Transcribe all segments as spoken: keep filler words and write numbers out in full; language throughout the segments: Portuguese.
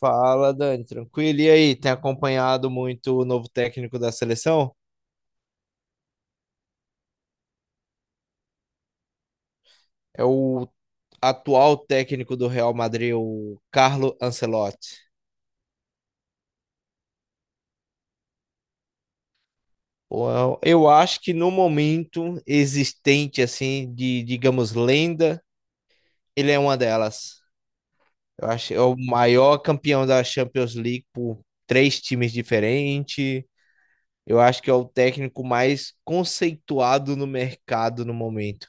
Fala, Dani, tranquilo? E aí, tem acompanhado muito o novo técnico da seleção? É o atual técnico do Real Madrid, o Carlo Ancelotti. Bom, eu acho que no momento existente, assim, de, digamos, lenda, ele é uma delas. Eu acho que é o maior campeão da Champions League por três times diferentes. Eu acho que é o técnico mais conceituado no mercado no momento.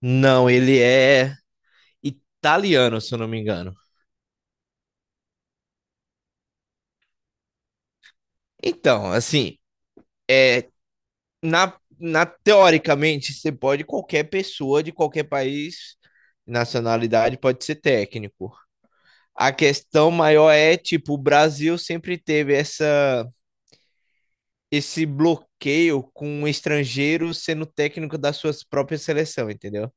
Não, ele é italiano, se eu não me engano. Então, assim, na, na teoricamente, você pode, qualquer pessoa de qualquer país, nacionalidade, pode ser técnico. A questão maior é, tipo, o Brasil sempre teve essa, esse bloqueio com o estrangeiro sendo técnico da sua própria seleção, entendeu?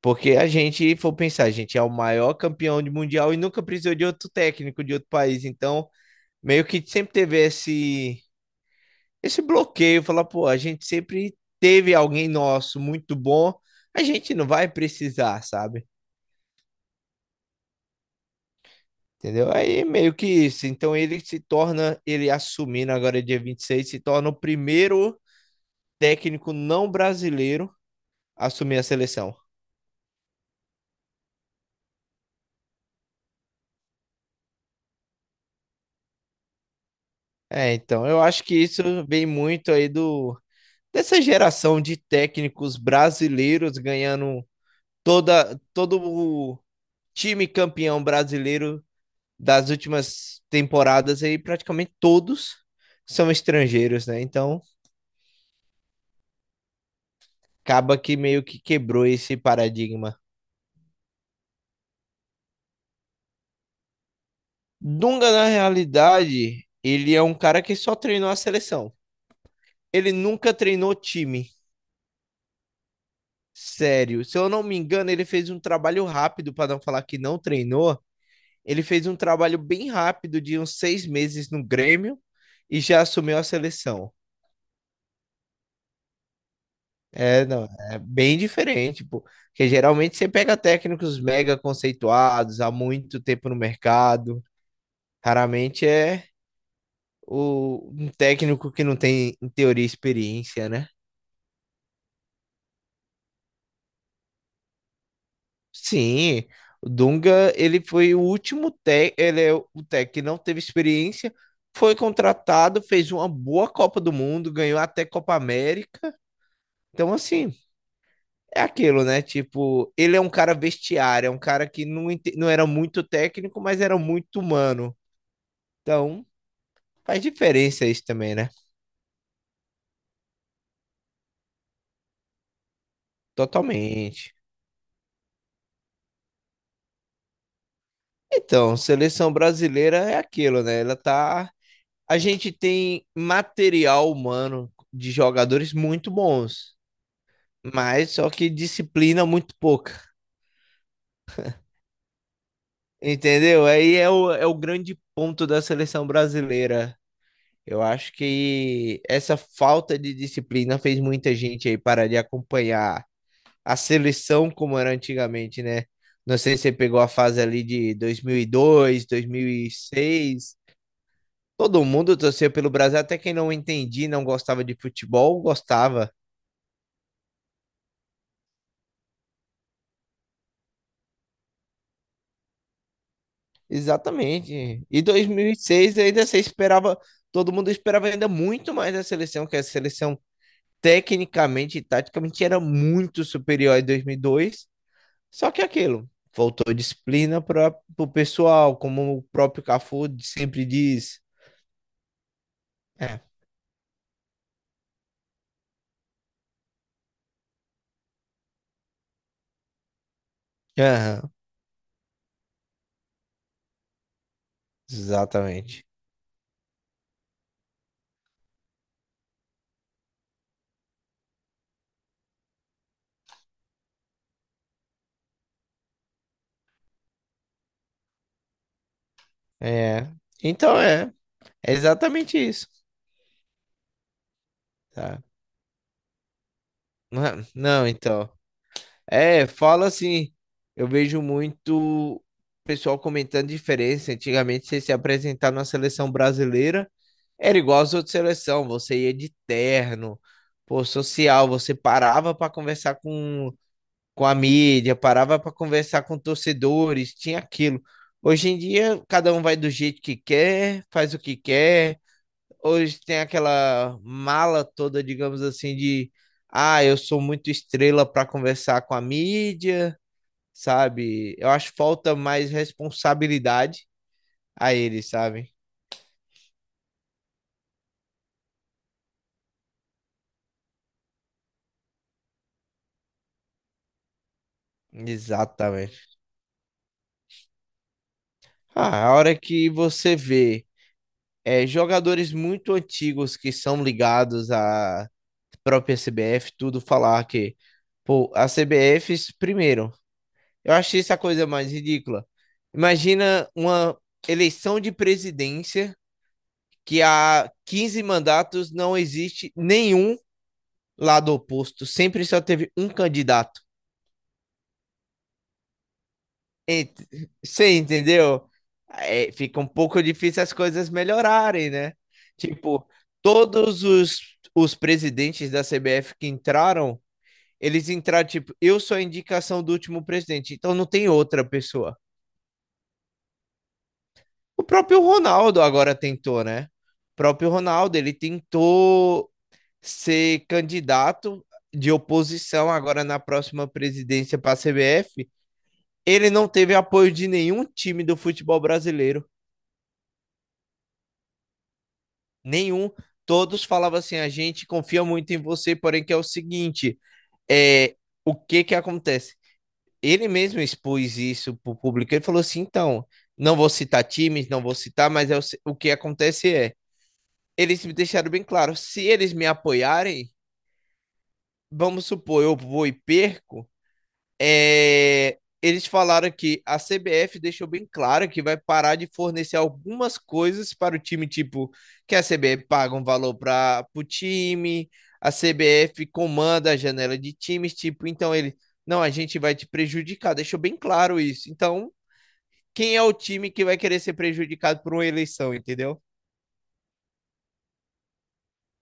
Porque a gente for pensar, a gente é o maior campeão de mundial e nunca precisou de outro técnico de outro país. Então, meio que sempre teve esse esse bloqueio, falar, pô, a gente sempre teve alguém nosso muito bom, a gente não vai precisar, sabe? Entendeu? Aí é meio que isso. Então ele se torna, ele assumindo agora dia vinte e seis se torna o primeiro técnico não brasileiro a assumir a seleção. É, então eu acho que isso vem muito aí do dessa geração de técnicos brasileiros ganhando toda todo o time campeão brasileiro das últimas temporadas aí, praticamente todos são estrangeiros, né? Então, acaba que meio que quebrou esse paradigma. Dunga, na realidade, ele é um cara que só treinou a seleção. Ele nunca treinou time sério. Se eu não me engano, ele fez um trabalho rápido, para não falar que não treinou. Ele fez um trabalho bem rápido de uns seis meses no Grêmio e já assumiu a seleção. É, não, é bem diferente, pô. Porque geralmente você pega técnicos mega conceituados há muito tempo no mercado. Raramente é o, um técnico que não tem, em teoria, experiência, né? Sim, o Dunga, ele foi o último técnico, ele é o técnico que não teve experiência, foi contratado, fez uma boa Copa do Mundo, ganhou até Copa América. Então, assim, é aquilo, né? Tipo, ele é um cara vestiário, é um cara que não, ente- não era muito técnico, mas era muito humano. Então, faz diferença isso também, né? Totalmente. Então, seleção brasileira é aquilo, né? Ela tá. A gente tem material humano de jogadores muito bons, mas só que disciplina muito pouca. Entendeu? Aí é o, é o grande ponto da seleção brasileira. Eu acho que essa falta de disciplina fez muita gente aí parar de acompanhar a seleção como era antigamente, né? Não sei se você pegou a fase ali de dois mil e dois, dois mil e seis. Todo mundo torcia pelo Brasil, até quem não entendia, não gostava de futebol, gostava. Exatamente. E dois mil e seis ainda você esperava, todo mundo esperava ainda muito mais a seleção, que a seleção tecnicamente e taticamente era muito superior em dois mil e dois. Só que é aquilo, faltou disciplina para o pessoal, como o próprio Cafu sempre diz. É, aham, exatamente. É, então é, é exatamente isso, tá? Não, é, não, então, é, fala assim, eu vejo muito pessoal comentando diferença. Antigamente, você se apresentar na seleção brasileira era igual às outras seleções, você ia de terno, pô, social, você parava para conversar com com a mídia, parava para conversar com torcedores, tinha aquilo. Hoje em dia, cada um vai do jeito que quer, faz o que quer. Hoje tem aquela mala toda, digamos assim, de ah, eu sou muito estrela para conversar com a mídia, sabe? Eu acho que falta mais responsabilidade a eles, sabe? Exatamente. Ah, a hora que você vê é, jogadores muito antigos que são ligados à própria C B F, tudo falar que, pô, a C B F, primeiro, eu achei essa coisa mais ridícula. Imagina uma eleição de presidência que há quinze mandatos não existe nenhum lado oposto, sempre só teve um candidato. Ent- Você entendeu? É, fica um pouco difícil as coisas melhorarem, né? Tipo, todos os, os presidentes da C B F que entraram, eles entraram, tipo, eu sou a indicação do último presidente, então não tem outra pessoa. O próprio Ronaldo agora tentou, né? O próprio Ronaldo, ele tentou ser candidato de oposição agora na próxima presidência para a C B F. Ele não teve apoio de nenhum time do futebol brasileiro. Nenhum. Todos falavam assim: a gente confia muito em você, porém que é o seguinte, é, o que que acontece? Ele mesmo expôs isso para o público. Ele falou assim: então, não vou citar times, não vou citar, mas é o, o que acontece é, eles me deixaram bem claro, se eles me apoiarem, vamos supor, eu vou e perco, é, eles falaram que a C B F deixou bem claro que vai parar de fornecer algumas coisas para o time, tipo, que a C B F paga um valor para o time, a C B F comanda a janela de times, tipo, então ele, não, a gente vai te prejudicar, deixou bem claro isso. Então, quem é o time que vai querer ser prejudicado por uma eleição, entendeu?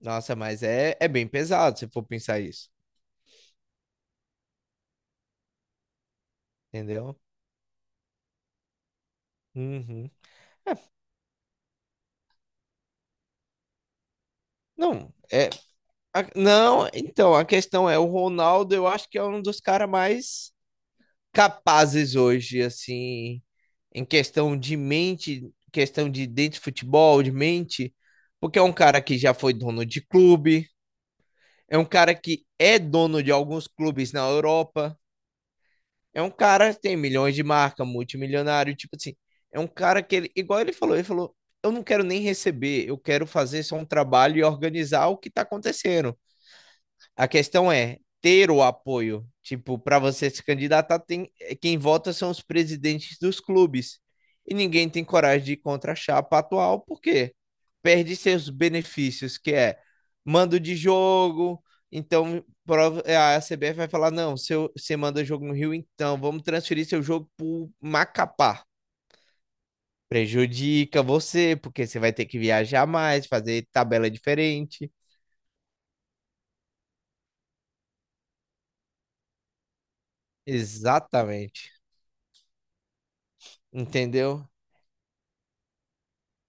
Nossa, mas é, é bem pesado se for pensar isso, entendeu? Uhum. Não, é. A- Não, então, a questão é, o Ronaldo, eu acho que é um dos caras mais capazes hoje, assim, em questão de mente, questão de dentro de futebol, de mente, porque é um cara que já foi dono de clube, é um cara que é dono de alguns clubes na Europa, é um cara que tem milhões de marca, multimilionário, tipo assim, é um cara que ele, igual ele falou, ele falou, eu não quero nem receber, eu quero fazer só um trabalho e organizar o que tá acontecendo. A questão é ter o apoio. Tipo, para você se candidatar, tem, quem vota são os presidentes dos clubes. E ninguém tem coragem de ir contra a chapa atual, porque perde seus benefícios, que é mando de jogo. Então, a C B F vai falar: não, seu, você manda jogo no Rio, então vamos transferir seu jogo para Macapá. Prejudica você, porque você vai ter que viajar mais, fazer tabela diferente. Exatamente. Entendeu?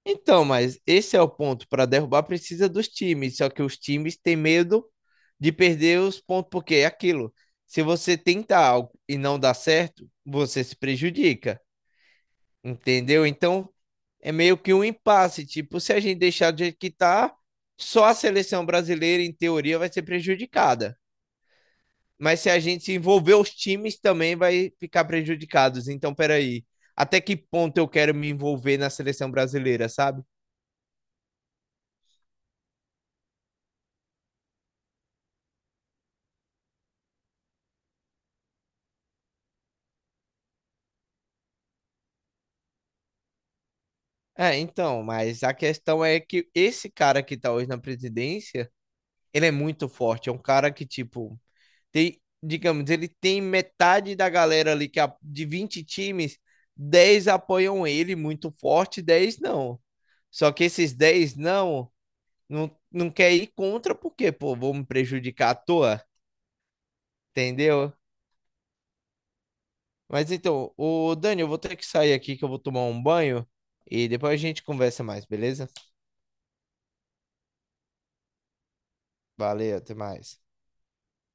Então, mas esse é o ponto. Para derrubar, precisa dos times. Só que os times têm medo de perder os pontos, porque é aquilo. Se você tenta algo e não dá certo, você se prejudica, entendeu? Então, é meio que um impasse. Tipo, se a gente deixar do jeito que tá, só a seleção brasileira, em teoria, vai ser prejudicada. Mas se a gente envolver os times, também vai ficar prejudicados. Então, peraí. Até que ponto eu quero me envolver na seleção brasileira, sabe? É, então, mas a questão é que esse cara que tá hoje na presidência, ele é muito forte. É um cara que, tipo, tem, digamos, ele tem metade da galera ali, que a- de vinte times, dez apoiam ele muito forte, dez não. Só que esses dez não, não, não quer ir contra, porque, pô, vou me prejudicar à toa, entendeu? Mas então, o Dani, eu vou ter que sair aqui que eu vou tomar um banho e depois a gente conversa mais, beleza? Valeu, até mais.